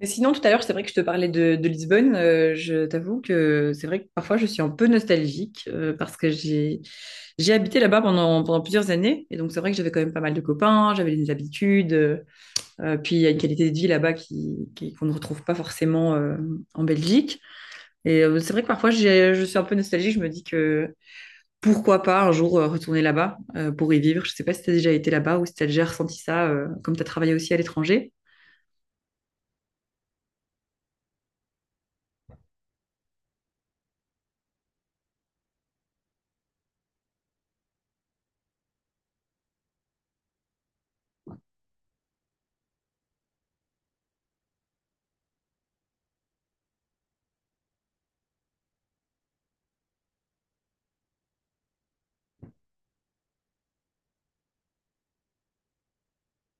Mais sinon, tout à l'heure, c'est vrai que je te parlais de Lisbonne. Je t'avoue que c'est vrai que parfois, je suis un peu nostalgique parce que j'ai habité là-bas pendant plusieurs années. Et donc, c'est vrai que j'avais quand même pas mal de copains, j'avais des habitudes. Puis, il y a une qualité de vie là-bas qu'on ne retrouve pas forcément en Belgique. Et c'est vrai que parfois, je suis un peu nostalgique. Je me dis que pourquoi pas un jour retourner là-bas pour y vivre. Je sais pas si tu as déjà été là-bas ou si tu as déjà ressenti ça, comme tu as travaillé aussi à l'étranger.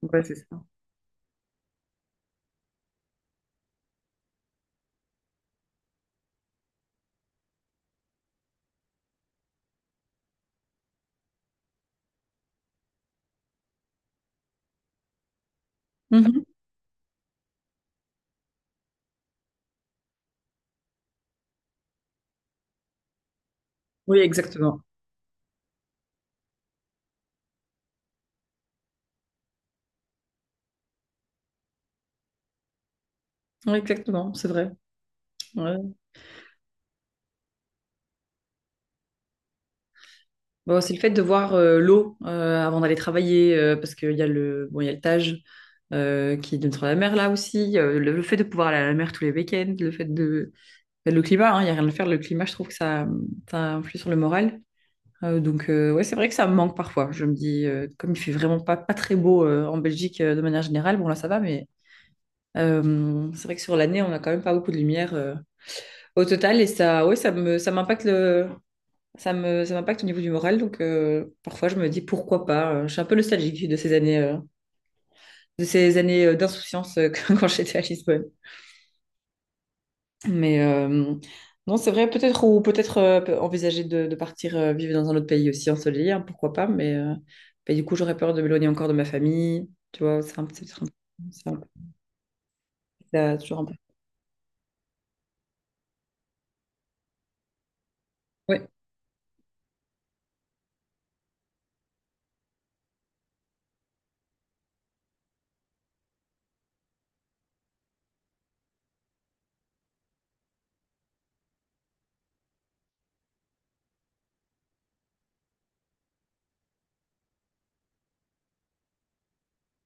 Ouais, c'est ça. Mhm. Oui, exactement. Oui, exactement, c'est vrai. Ouais. Bon, c'est le fait de voir l'eau avant d'aller travailler, parce qu'il y a le, bon, il y a le Tage qui donne sur la mer là aussi. Le fait de pouvoir aller à la mer tous les week-ends, le fait de, le climat, hein, il n'y a rien à faire. Le climat, je trouve que ça influe sur le moral. Donc, ouais, c'est vrai que ça me manque parfois. Je me dis, comme il fait vraiment pas très beau en Belgique de manière générale, bon, là, ça va, mais c'est vrai que sur l'année, on n'a quand même pas beaucoup de lumière au total. Et ça, ouais, ça m'impacte le. Ça m'impacte au niveau du moral, donc parfois je me dis pourquoi pas. Je suis un peu nostalgique de ces années, d'insouciance quand j'étais à Lisbonne. Mais non, c'est vrai, peut-être envisager de partir vivre dans un autre pays aussi ensoleillé, hein, pourquoi pas, mais du coup, j'aurais peur de m'éloigner encore de ma famille, tu vois, c'est un peu- ça toujours un peu. Ouais.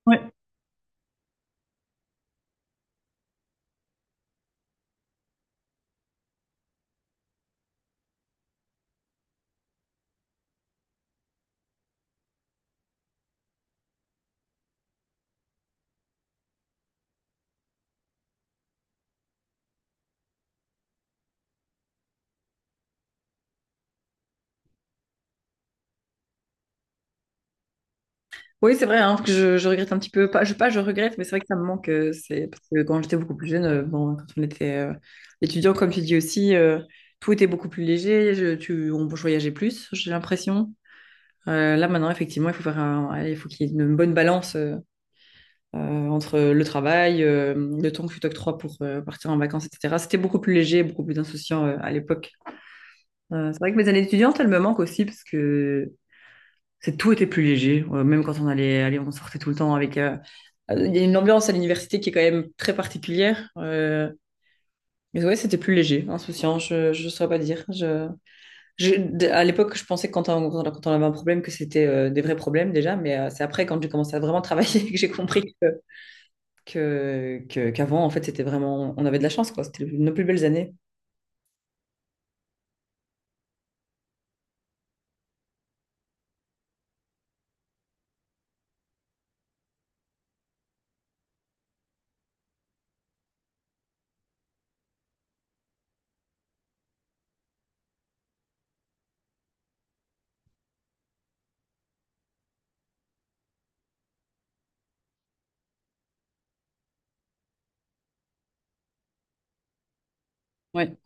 Ouais. Oui, c'est vrai hein, que je regrette un petit peu, pas je, pas je regrette, mais c'est vrai que ça me manque, c'est parce que quand j'étais beaucoup plus jeune, bon, quand on était étudiant, comme tu dis aussi, tout était beaucoup plus léger, on voyageait plus, j'ai l'impression. Là maintenant, effectivement, il faut qu'il y ait une bonne balance. Entre le travail, le temps que tu t'octroies pour partir en vacances, etc. C'était beaucoup plus léger, beaucoup plus insouciant à l'époque. C'est vrai que mes années étudiantes, elles me manquent aussi parce que c'est tout était plus léger. Même quand on sortait tout le temps avec. Il y a une ambiance à l'université qui est quand même très particulière. Mais ouais, c'était plus léger, insouciant. Je saurais pas dire. À l'époque, je pensais que quand on avait un problème que c'était des vrais problèmes déjà, mais c'est après quand j'ai commencé à vraiment travailler que j'ai compris qu'avant, en fait, c'était vraiment, on avait de la chance, quoi. C'était nos plus belles années. Ouais,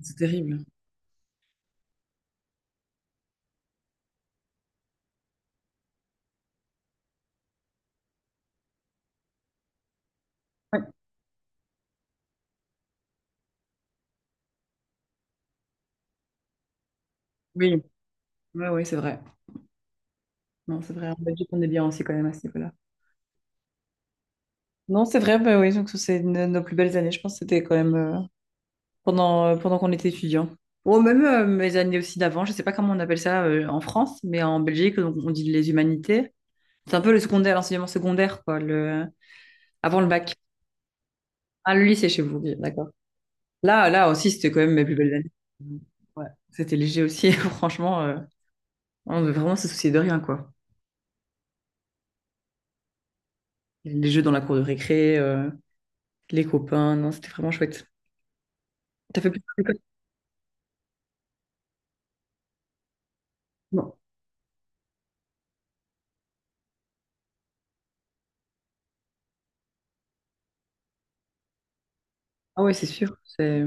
c'est terrible. Ouais. Oui, ouais, ouais, c'est vrai. Non, c'est vrai. En Belgique, on est bien aussi quand même à ce niveau-là. Non, c'est vrai, bah oui, donc c'est nos plus belles années, je pense que c'était quand même pendant, pendant qu'on était étudiant. Ou même mes années aussi d'avant, je sais pas comment on appelle ça en France, mais en Belgique, donc, on dit les humanités. C'est un peu le secondaire, l'enseignement secondaire, quoi, le avant le bac. Ah, le lycée chez vous, oui, d'accord. Là aussi, c'était quand même mes plus belles années. Ouais. C'était léger aussi, franchement. On devait vraiment se soucier de rien, quoi. Les jeux dans la cour de récré, les copains, non, c'était vraiment chouette. T'as fait plus de trucs. Non. Ah ouais, c'est sûr. C'est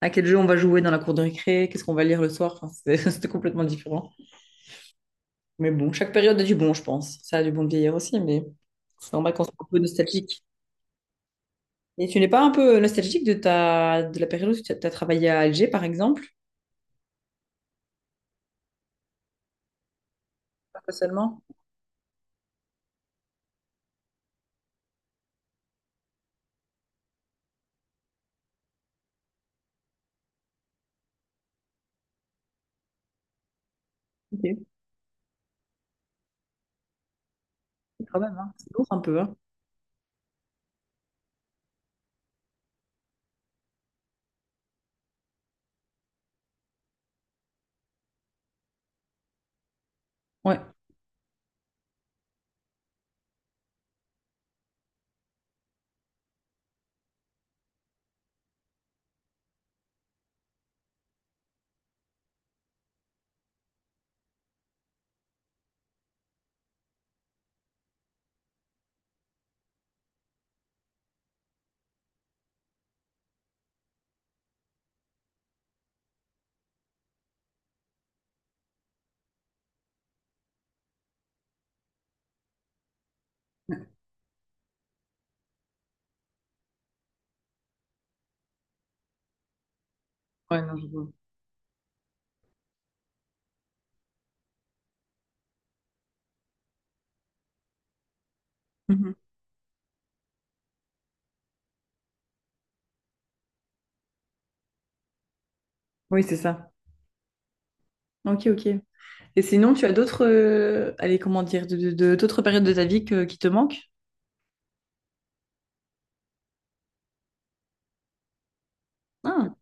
à quel jeu on va jouer dans la cour de récré, qu'est-ce qu'on va lire le soir. Enfin, c'était complètement différent. Mais bon, chaque période a du bon, je pense. Ça a du bon de vieillir aussi, mais c'est normal qu'on soit un peu nostalgique. Et tu n'es pas un peu nostalgique de la période où tu as travaillé à Alger, par exemple? Pas seulement. Ok, quand même, hein. C'est lourd un peu, hein. Ouais, ouais, non, je vois. Mhm. Oui, c'est ça. Ok, ok. Et sinon, tu as d'autres, allez, comment dire, d'autres périodes de ta vie qui te manquent? Ah,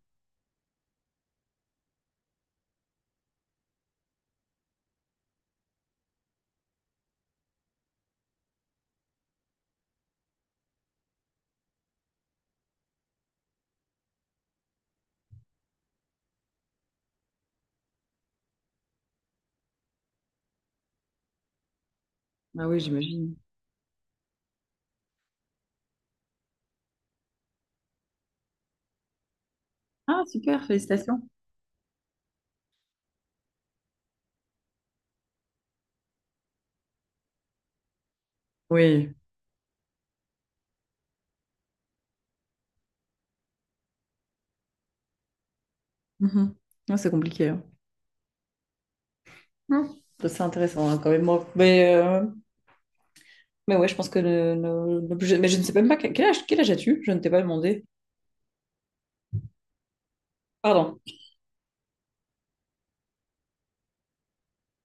ah oui, j'imagine. Ah, super, félicitations. Oui. Mhm. Ouais, c'est compliqué. Hein. Hmm. Ça, c'est intéressant hein, quand même. Moi. Mais ouais, je pense que l'objet. Mais je ne sais même pas quel âge, quel âge as-tu? Je ne t'ai pas demandé. Pardon.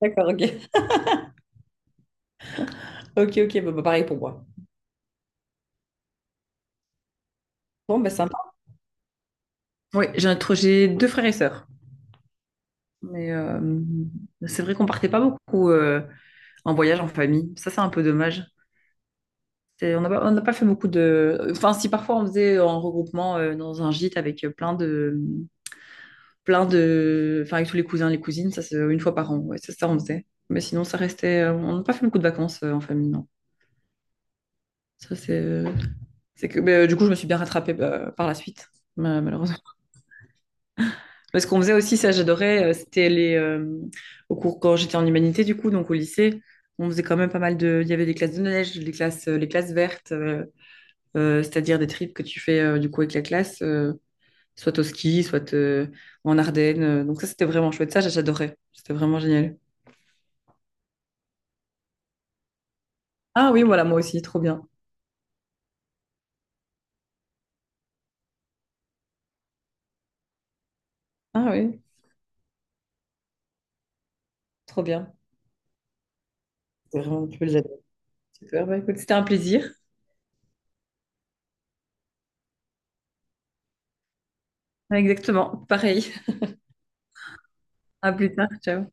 D'accord, ok. Ok, ok, bah, bah, pareil pour moi. Bon, bah sympa. Oui, j'ai deux frères et sœurs. Mais c'est vrai qu'on partait pas beaucoup en voyage en famille. Ça, c'est un peu dommage. On n'a pas fait beaucoup de. Enfin, si parfois on faisait en regroupement dans un gîte avec plein de plein de. Enfin, avec tous les cousins, les cousines, ça, c'est une fois par an. Ouais, c'est ça, on faisait. Mais sinon, ça restait. On n'a pas fait beaucoup de vacances en famille, non. Ça, c'est. C'est que. Mais, du coup, je me suis bien rattrapée bah, par la suite, malheureusement. Mais ce qu'on faisait aussi, ça, j'adorais, c'était les. Au cours, quand j'étais en humanité, du coup, donc au lycée, on faisait quand même pas mal de. Il y avait des classes de neige, les classes vertes. C'est-à-dire des trips que tu fais du coup avec la classe, soit au ski, soit en Ardennes. Donc ça, c'était vraiment chouette. Ça, j'adorais. C'était vraiment génial. Ah oui, voilà, moi aussi, trop bien. Ah oui, trop bien. C'était vraiment, tu peux le j'adore. Super, bah, écoute, c'était un plaisir. Exactement, pareil. À plus tard, ciao.